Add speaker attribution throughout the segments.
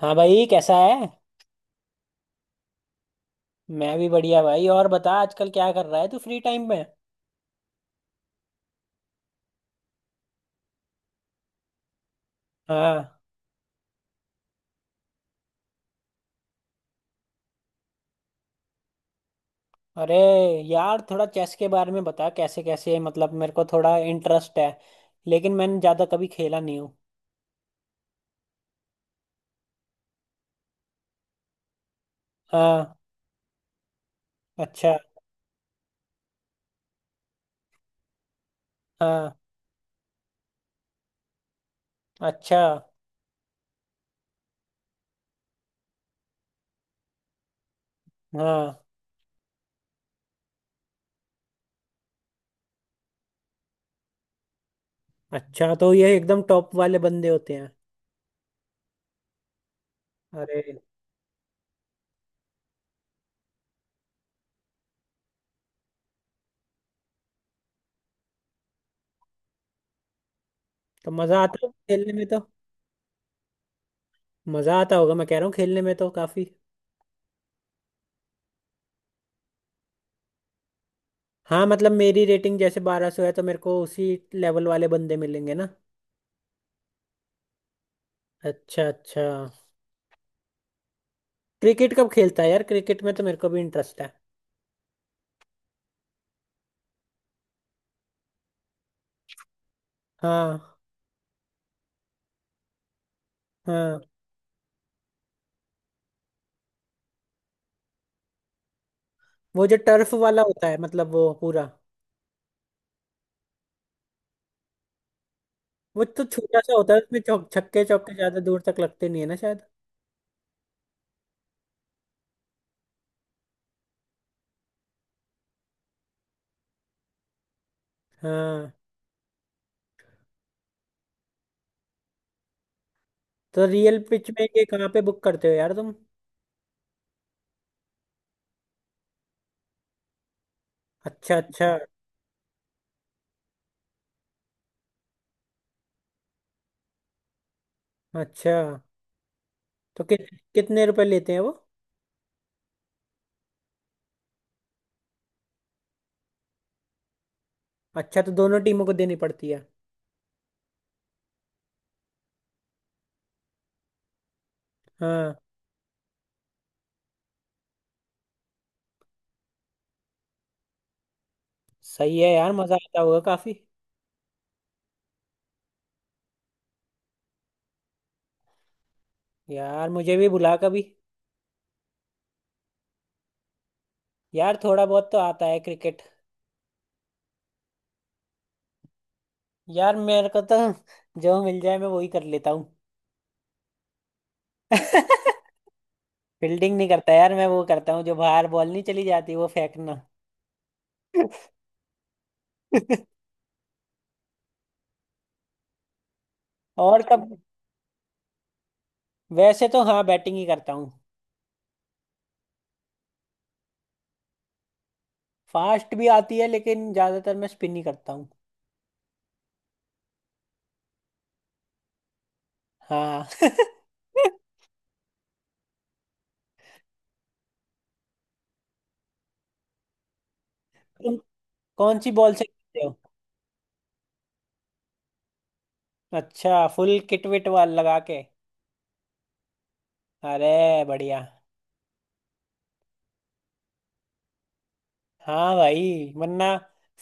Speaker 1: हाँ भाई। कैसा है। मैं भी बढ़िया भाई। और बता, आजकल क्या कर रहा है तू फ्री टाइम में। हाँ। अरे यार, थोड़ा चेस के बारे में बता कैसे कैसे। मतलब मेरे को थोड़ा इंटरेस्ट है लेकिन मैंने ज़्यादा कभी खेला नहीं हूँ। हाँ। अच्छा। हाँ। अच्छा। हाँ। अच्छा, तो ये एकदम टॉप वाले बंदे होते हैं। अरे। तो मज़ा आता होगा खेलने में तो। मज़ा आता होगा मैं कह रहा हूँ, खेलने में तो काफ़ी। हाँ मतलब मेरी रेटिंग जैसे 1200 है तो मेरे को उसी लेवल वाले बंदे मिलेंगे ना। अच्छा अच्छा। क्रिकेट कब खेलता है यार। क्रिकेट में तो मेरे को भी इंटरेस्ट है। हाँ। हाँ। वो जो टर्फ वाला होता है, मतलब वो पूरा। वो तो छोटा सा होता है, उसमें चौक छक्के चौके ज्यादा दूर तक लगते नहीं है ना शायद। हाँ। तो रियल पिच में ये कहाँ पे बुक करते हो यार तुम। अच्छा अच्छा। अच्छा तो कि, कितने रुपए लेते हैं वो। अच्छा तो दोनों टीमों को देनी पड़ती है। हाँ। सही है यार, मजा आता होगा काफी। यार मुझे भी बुला कभी। यार थोड़ा बहुत तो आता है क्रिकेट। यार मेरे को तो जो मिल जाए मैं वही कर लेता हूँ। फील्डिंग नहीं करता यार मैं, वो करता हूँ जो बाहर बॉल नहीं चली जाती वो फेंकना। और कब। वैसे तो हाँ बैटिंग ही करता हूँ। फास्ट भी आती है लेकिन ज्यादातर मैं स्पिन ही करता हूँ। हाँ तुम कौन सी बॉल से खेलते हो। अच्छा, फुल किट विट वाल लगा के। अरे बढ़िया। हाँ भाई वरना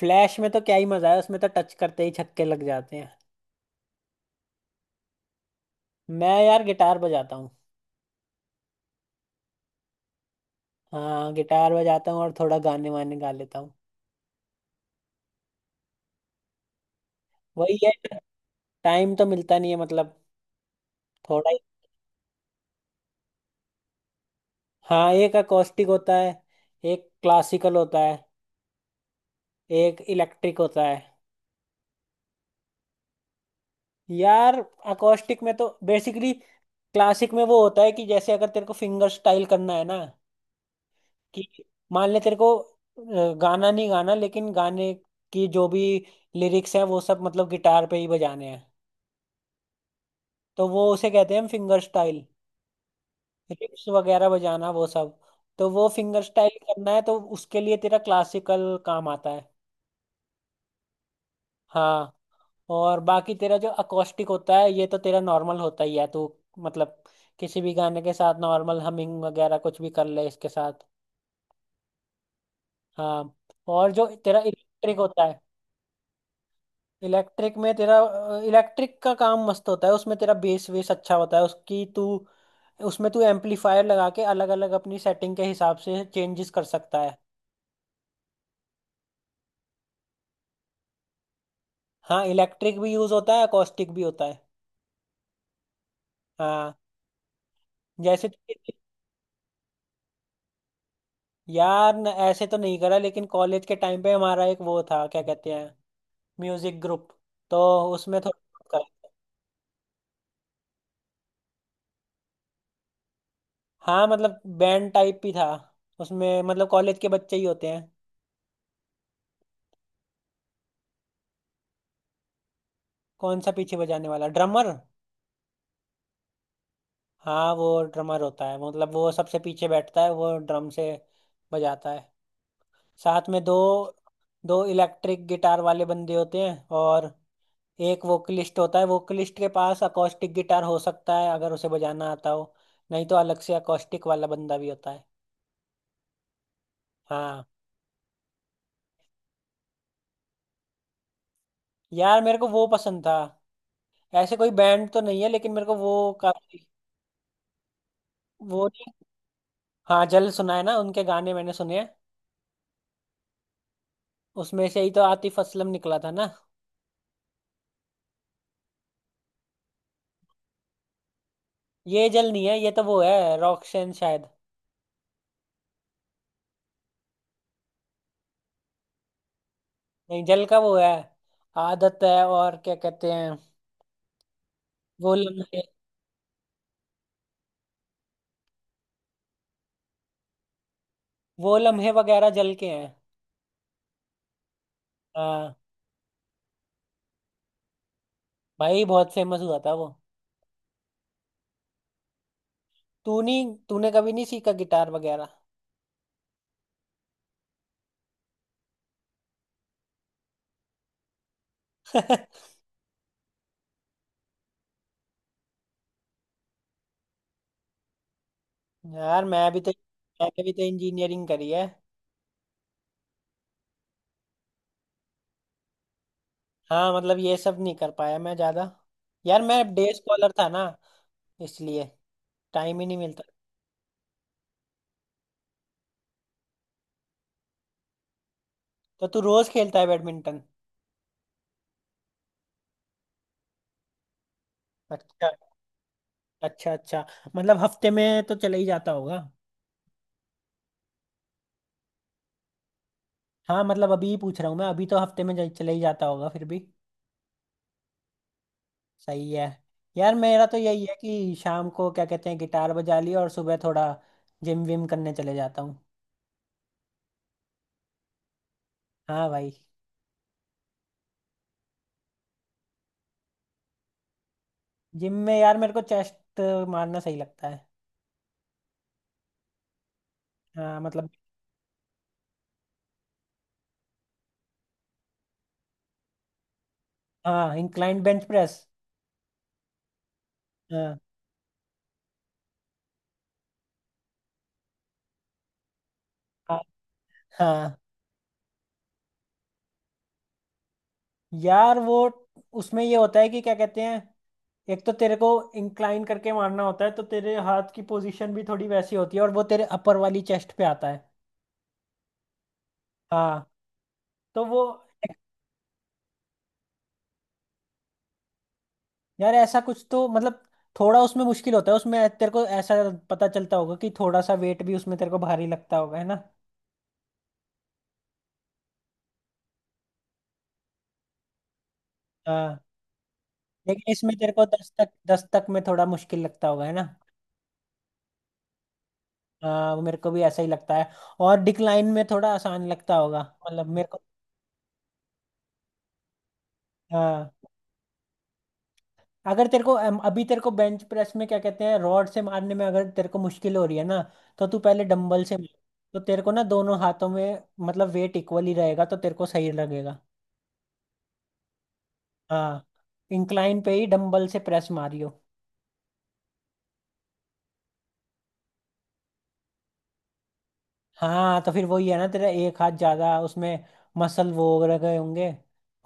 Speaker 1: फ्लैश में तो क्या ही मजा है, उसमें तो टच करते ही छक्के लग जाते हैं। मैं यार गिटार बजाता हूँ। हाँ गिटार बजाता हूँ और थोड़ा गाने वाने गा लेता हूँ। वही है, टाइम तो मिलता नहीं है मतलब थोड़ा ही। हाँ, एक अकोस्टिक होता है, एक क्लासिकल होता है, एक इलेक्ट्रिक होता है। यार अकोस्टिक में तो बेसिकली क्लासिक में वो होता है कि जैसे अगर तेरे को फिंगर स्टाइल करना है ना, कि मान ले तेरे को गाना नहीं गाना लेकिन गाने की जो भी लिरिक्स है वो सब मतलब गिटार पे ही बजाने हैं। तो वो उसे कहते हैं हम फिंगर स्टाइल, रिप्स वगैरह बजाना वो सब। तो वो फिंगर स्टाइल करना है तो उसके लिए तेरा क्लासिकल काम आता है। हाँ। और बाकी तेरा जो अकॉस्टिक होता है ये तो तेरा नॉर्मल होता ही है तू, मतलब किसी भी गाने के साथ नॉर्मल हमिंग वगैरह कुछ भी कर ले इसके साथ। हाँ। और जो तेरा इलेक्ट्रिक होता है, इलेक्ट्रिक में तेरा इलेक्ट्रिक का काम मस्त होता है, उसमें तेरा बेस वेस अच्छा होता है, उसकी तू उसमें तू एम्पलीफायर लगा के अलग अलग अपनी सेटिंग के हिसाब से चेंजेस कर सकता है। हाँ इलेक्ट्रिक भी यूज होता है, अकॉस्टिक भी होता है। हाँ जैसे। यार न, ऐसे तो नहीं करा लेकिन कॉलेज के टाइम पे हमारा एक वो था, क्या कहते हैं, म्यूजिक ग्रुप, तो उसमें थोड़ा करा। हाँ मतलब बैंड टाइप ही था, उसमें मतलब कॉलेज के बच्चे ही होते हैं। कौन सा पीछे बजाने वाला, ड्रमर। हाँ वो ड्रमर होता है, मतलब वो सबसे पीछे बैठता है वो ड्रम से बजाता है। साथ में दो दो इलेक्ट्रिक गिटार वाले बंदे होते हैं और एक वोकलिस्ट होता है। वोकलिस्ट के पास अकॉस्टिक गिटार हो सकता है अगर उसे बजाना आता हो, नहीं तो अलग से अकॉस्टिक वाला बंदा भी होता है। हाँ। यार मेरे को वो पसंद था, ऐसे कोई बैंड तो नहीं है लेकिन मेरे को वो काफी। वो नहीं। हाँ जल सुना है ना, उनके गाने मैंने सुने हैं। उसमें से ही तो आतिफ असलम निकला था ना। ये जल नहीं है, ये तो वो है रॉकशन शायद। नहीं जल का वो है आदत है, और क्या कहते हैं वो लम्हे। वो लम्हे वगैरह जल के हैं। हाँ। भाई बहुत फेमस हुआ था वो। तू नहीं, तूने कभी नहीं सीखा गिटार वगैरह। यार मैं भी तो मैंने भी तो इंजीनियरिंग करी है। हाँ मतलब ये सब नहीं कर पाया मैं ज्यादा। यार मैं डे स्कॉलर था ना, इसलिए टाइम ही नहीं मिलता। तो तू रोज खेलता है बैडमिंटन। अच्छा अच्छा। अच्छा, मतलब हफ्ते में तो चला ही जाता होगा। हाँ मतलब अभी ही पूछ रहा हूँ मैं, अभी तो हफ्ते में जा- चला ही जाता होगा फिर भी। सही है। यार मेरा तो यही है कि शाम को क्या कहते हैं गिटार बजा लिया और सुबह थोड़ा जिम विम करने चले जाता हूँ। हाँ भाई। जिम में यार मेरे को चेस्ट मारना सही लगता है। हाँ मतलब। हाँ इंक्लाइन बेंच प्रेस। हाँ। हाँ हाँ। यार वो उसमें ये होता है कि क्या कहते हैं एक तो तेरे को इंक्लाइन करके मारना होता है तो तेरे हाथ की पोजीशन भी थोड़ी वैसी होती है और वो तेरे अपर वाली चेस्ट पे आता है। हाँ। तो वो। यार ऐसा कुछ तो मतलब थोड़ा उसमें मुश्किल होता है, उसमें तेरे को ऐसा पता चलता होगा कि थोड़ा सा वेट भी उसमें तेरे को भारी लगता होगा है ना। हाँ लेकिन इसमें तेरे को दस तक, दस तक में थोड़ा मुश्किल लगता होगा है ना। हाँ वो मेरे को भी ऐसा ही लगता है। और डिक्लाइन में थोड़ा आसान लगता होगा मतलब मेरे को। हाँ। अगर तेरे को अभी तेरे को बेंच प्रेस में क्या कहते हैं रॉड से मारने में अगर तेरे को मुश्किल हो रही है ना, तो तू पहले डंबल से मार। तो तेरे को ना दोनों हाथों में मतलब वेट इक्वल ही रहेगा तो तेरे को सही लगेगा। हाँ। इंक्लाइन पे ही डंबल से प्रेस मारियो। हाँ तो फिर वही है ना, तेरा एक हाथ ज्यादा उसमें मसल वो रह गए होंगे,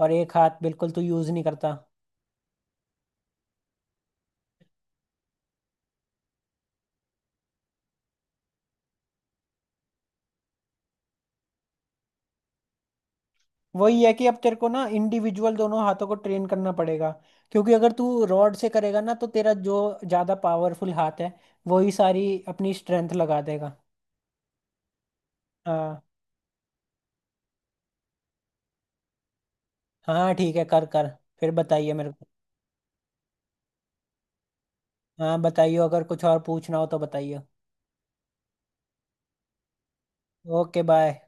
Speaker 1: और एक हाथ बिल्कुल तू यूज नहीं करता। वही है कि अब तेरे को ना इंडिविजुअल दोनों हाथों को ट्रेन करना पड़ेगा, क्योंकि अगर तू रॉड से करेगा ना तो तेरा जो ज्यादा पावरफुल हाथ है वही सारी अपनी स्ट्रेंथ लगा देगा। हाँ। हाँ ठीक है, कर कर। फिर बताइए मेरे को। हाँ बताइए, अगर कुछ और पूछना हो तो बताइए। Okay bye.